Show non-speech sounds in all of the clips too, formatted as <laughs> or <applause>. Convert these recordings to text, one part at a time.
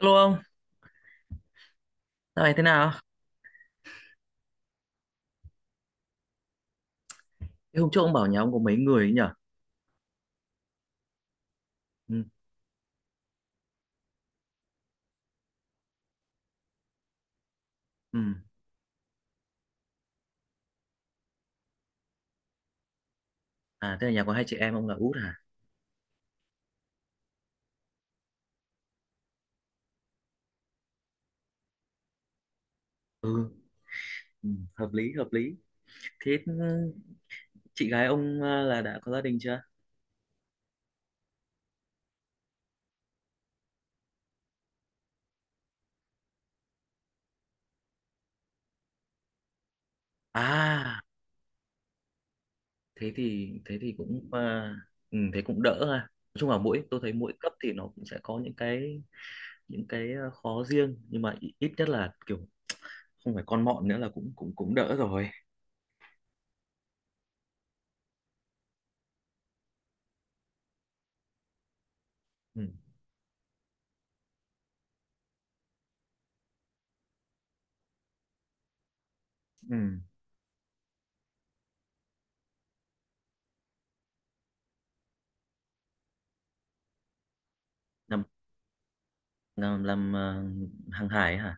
Hello ông, dạo này thế nào? Thế hôm trước ông bảo nhà ông có mấy người ấy nhở? Ừ, ừ. À, thế là nhà có hai chị em ông là út à? Ừ, ừ, hợp lý, hợp lý. Thế chị gái ông là đã có gia đình chưa? À, thế thì cũng thế cũng đỡ ha. Nói chung là mỗi tôi thấy mỗi cấp thì nó cũng sẽ có những cái khó riêng, nhưng mà ít ít nhất là kiểu không phải con mọn nữa là cũng cũng cũng đỡ rồi. Ừ, ừ. Làm làm hàng hải hả?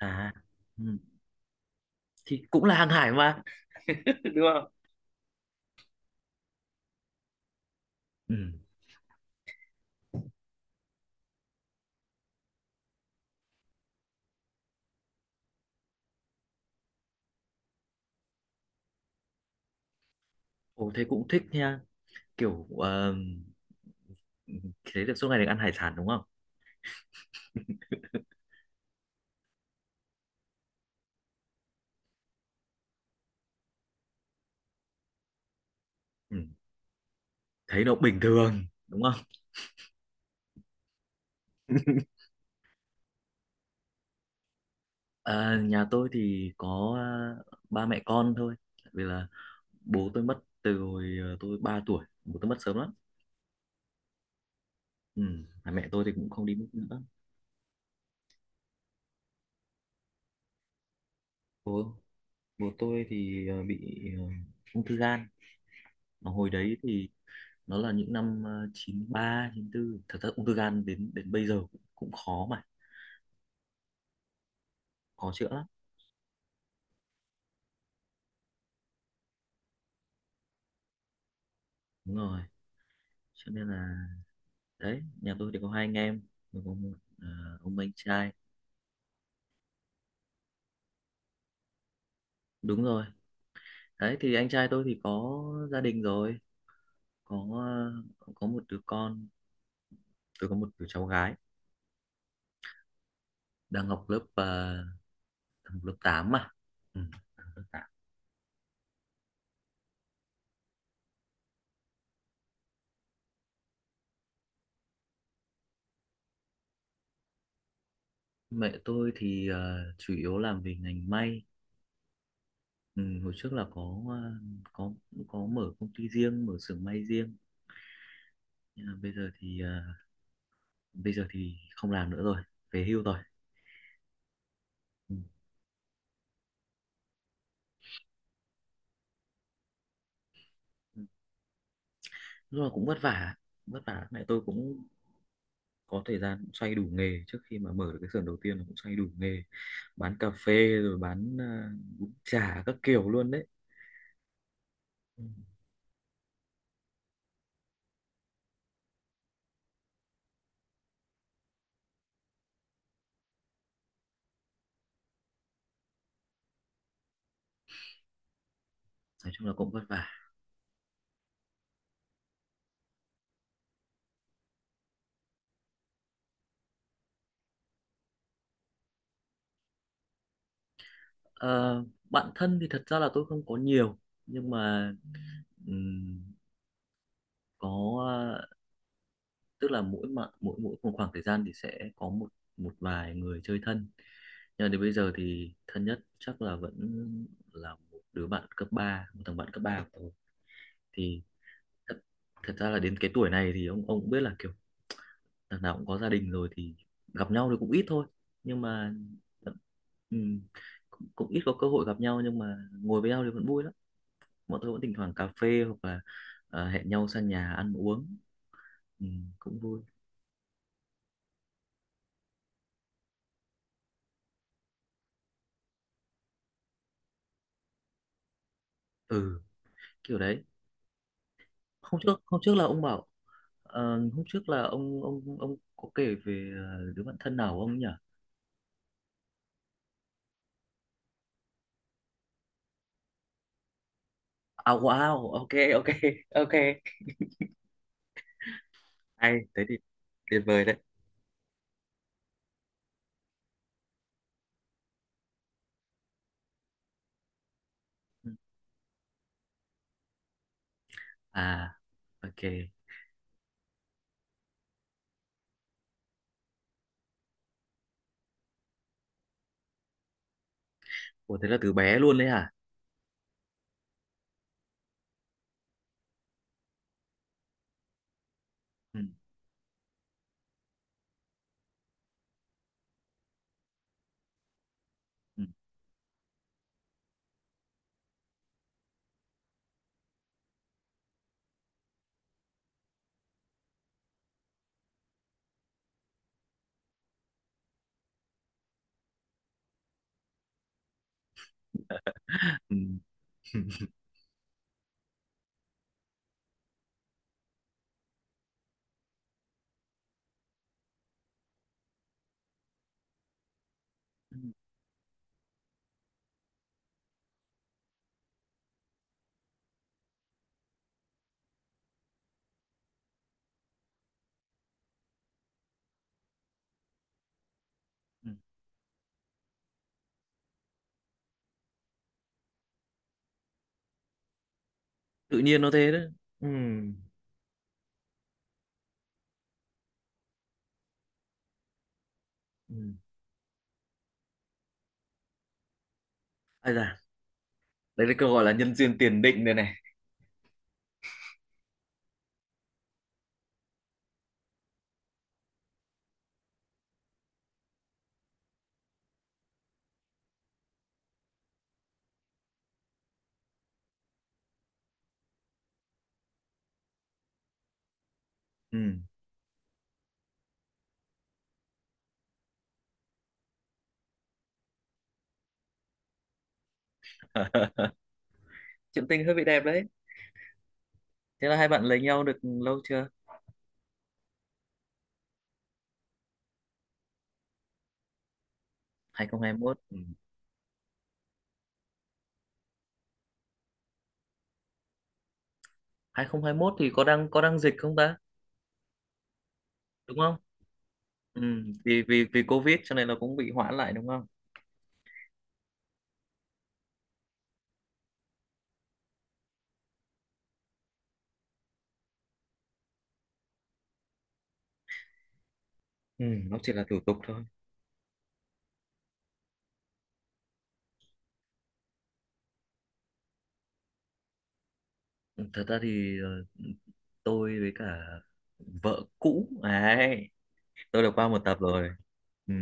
À. Ừ. Thì cũng là hàng hải mà, <laughs> đúng không? Ừ. Ồ, thế cũng thích nha, kiểu thế được suốt ngày được ăn hải sản đúng không? Ừ. Thấy nó bình thường đúng không? À, nhà tôi thì có ba mẹ con thôi, vì là bố tôi mất từ hồi tôi 3 tuổi, bố tôi mất sớm lắm. Ừ. Mà mẹ tôi thì cũng không đi nước nữa. Bố bố tôi thì bị ung thư gan, mà hồi đấy thì nó là những năm chín ba chín 94, thật ra ung thư gan đến đến bây giờ cũng khó, mà khó chữa lắm. Đúng rồi, cho nên là đấy, nhà tôi thì có hai anh em, tôi có một ông anh trai. Đúng rồi, đấy thì anh trai tôi thì có gia đình rồi, có có một đứa con, tôi có một đứa cháu gái đang học lớp học lớp 8 mà. Ừ, học lớp 8. Mẹ tôi thì chủ yếu làm về ngành may. Ừ, hồi trước là có có mở công ty riêng, mở xưởng may riêng. Nhưng mà bây giờ thì không làm nữa rồi, về hưu rồi. Ừ. Ừ. Lúc nào cũng vất vả, vất vả. Mẹ tôi cũng có thời gian xoay đủ nghề, trước khi mà mở được cái xưởng đầu tiên là cũng xoay đủ nghề, bán cà phê rồi bán bún chả các kiểu luôn đấy. Ừ. Nói chung là cũng vất vả. Ờ, bạn thân thì thật ra là tôi không có nhiều, nhưng mà ừm, có, tức là mỗi mà mỗi mỗi một khoảng thời gian thì sẽ có một một vài người chơi thân, nhưng mà đến bây giờ thì thân nhất chắc là vẫn là một đứa bạn cấp 3, một thằng bạn cấp 3 của tôi. Thì thật, thật ra là đến cái tuổi này thì ông cũng biết là kiểu thằng nào cũng có gia đình rồi thì gặp nhau thì cũng ít thôi, nhưng mà ừ, cũng ít có cơ hội gặp nhau, nhưng mà ngồi với nhau thì vẫn vui lắm. Bọn tôi vẫn thỉnh thoảng cà phê hoặc là hẹn nhau sang nhà ăn uống, ừ, cũng vui. Ừ, kiểu đấy. Hôm trước hôm trước là ông bảo ờ, hôm trước là ông có kể về đứa bạn thân nào của ông nhỉ? À, wow, ok. Ok. <laughs> Ok, hay thế thì tuyệt vời đấy. Ừ. À, ok. Ủa thế là từ bé luôn đấy hả? Ừ. Ừ. Ừ. Ừ. Ừ. Tự nhiên nó thế đấy. Ừ. Ừ. Ai da, đấy là câu gọi là nhân duyên tiền định đây này. Ừ. <laughs> Chuyện tình hơi bị đẹp đấy. Thế là hai bạn lấy nhau được lâu chưa? 2021. Ừ. 2021 thì có đang dịch không ta? Đúng không? Ừ, vì vì vì Covid cho nên là cũng bị hoãn lại đúng không? Ừ, nó chỉ là thủ tục thôi. Ừ, thật ra thì tôi với cả vợ cũ ấy, tôi đã qua một tập rồi. Ừ.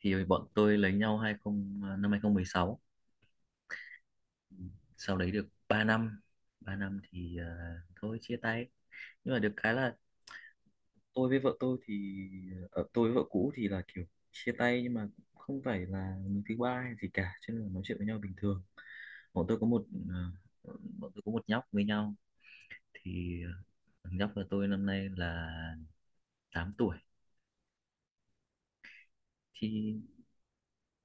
Thì bọn tôi lấy nhau hai không ờ, năm 2016, sau đấy được 3 năm. 3 năm thì thôi chia tay. Nhưng mà được cái là tôi với vợ tôi thì tôi với vợ cũ thì là kiểu chia tay, nhưng mà không phải là người thứ ba hay gì cả, cho nên là nói chuyện với nhau bình thường. bọn tôi có một ờ, bọn tôi có một nhóc với nhau. Thì thằng nhóc của tôi năm nay là 8 tuổi. Thì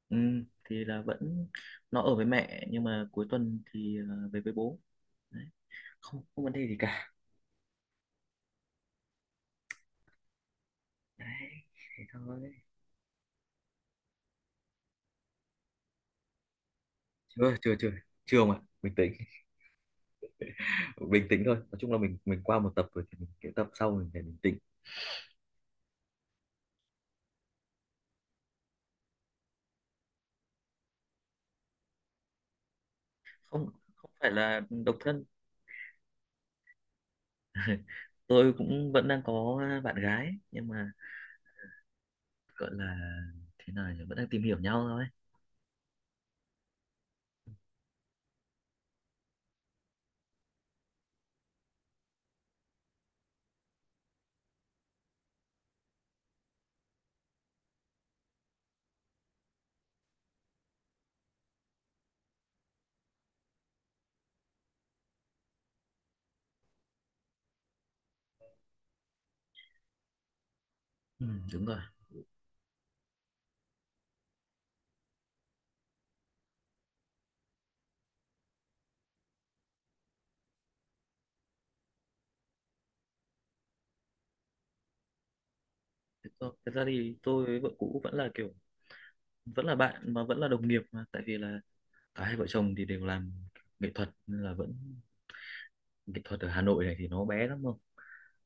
ừ, thì là vẫn nó ở với mẹ, nhưng mà cuối tuần thì về với bố đấy. Không không vấn đề gì cả đấy, thế thôi. Chưa, chưa, chưa, chưa mà bình tĩnh. <laughs> Bình tĩnh thôi, nói chung là mình qua một tập rồi thì mình cái tập sau mình phải bình tĩnh. Không, không phải là độc thân. <laughs> Tôi cũng vẫn đang có bạn gái, nhưng mà gọi là thế nào nhỉ, vẫn đang tìm hiểu nhau thôi. Ừ, đúng rồi. Thật ra thì tôi với vợ cũ vẫn là kiểu vẫn là bạn mà vẫn là đồng nghiệp, mà tại vì là cả hai vợ chồng thì đều làm nghệ thuật nên là vẫn, nghệ thuật ở Hà Nội này thì nó bé lắm, không,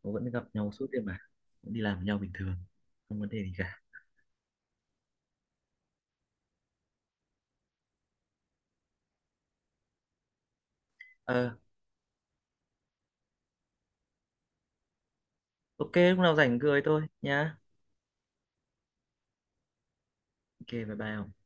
nó vẫn gặp nhau suốt đêm mà, vẫn đi làm với nhau bình thường, không vấn đề gì cả. Ờ ok lúc nào rảnh cười tôi nhá. Ok, bye bye.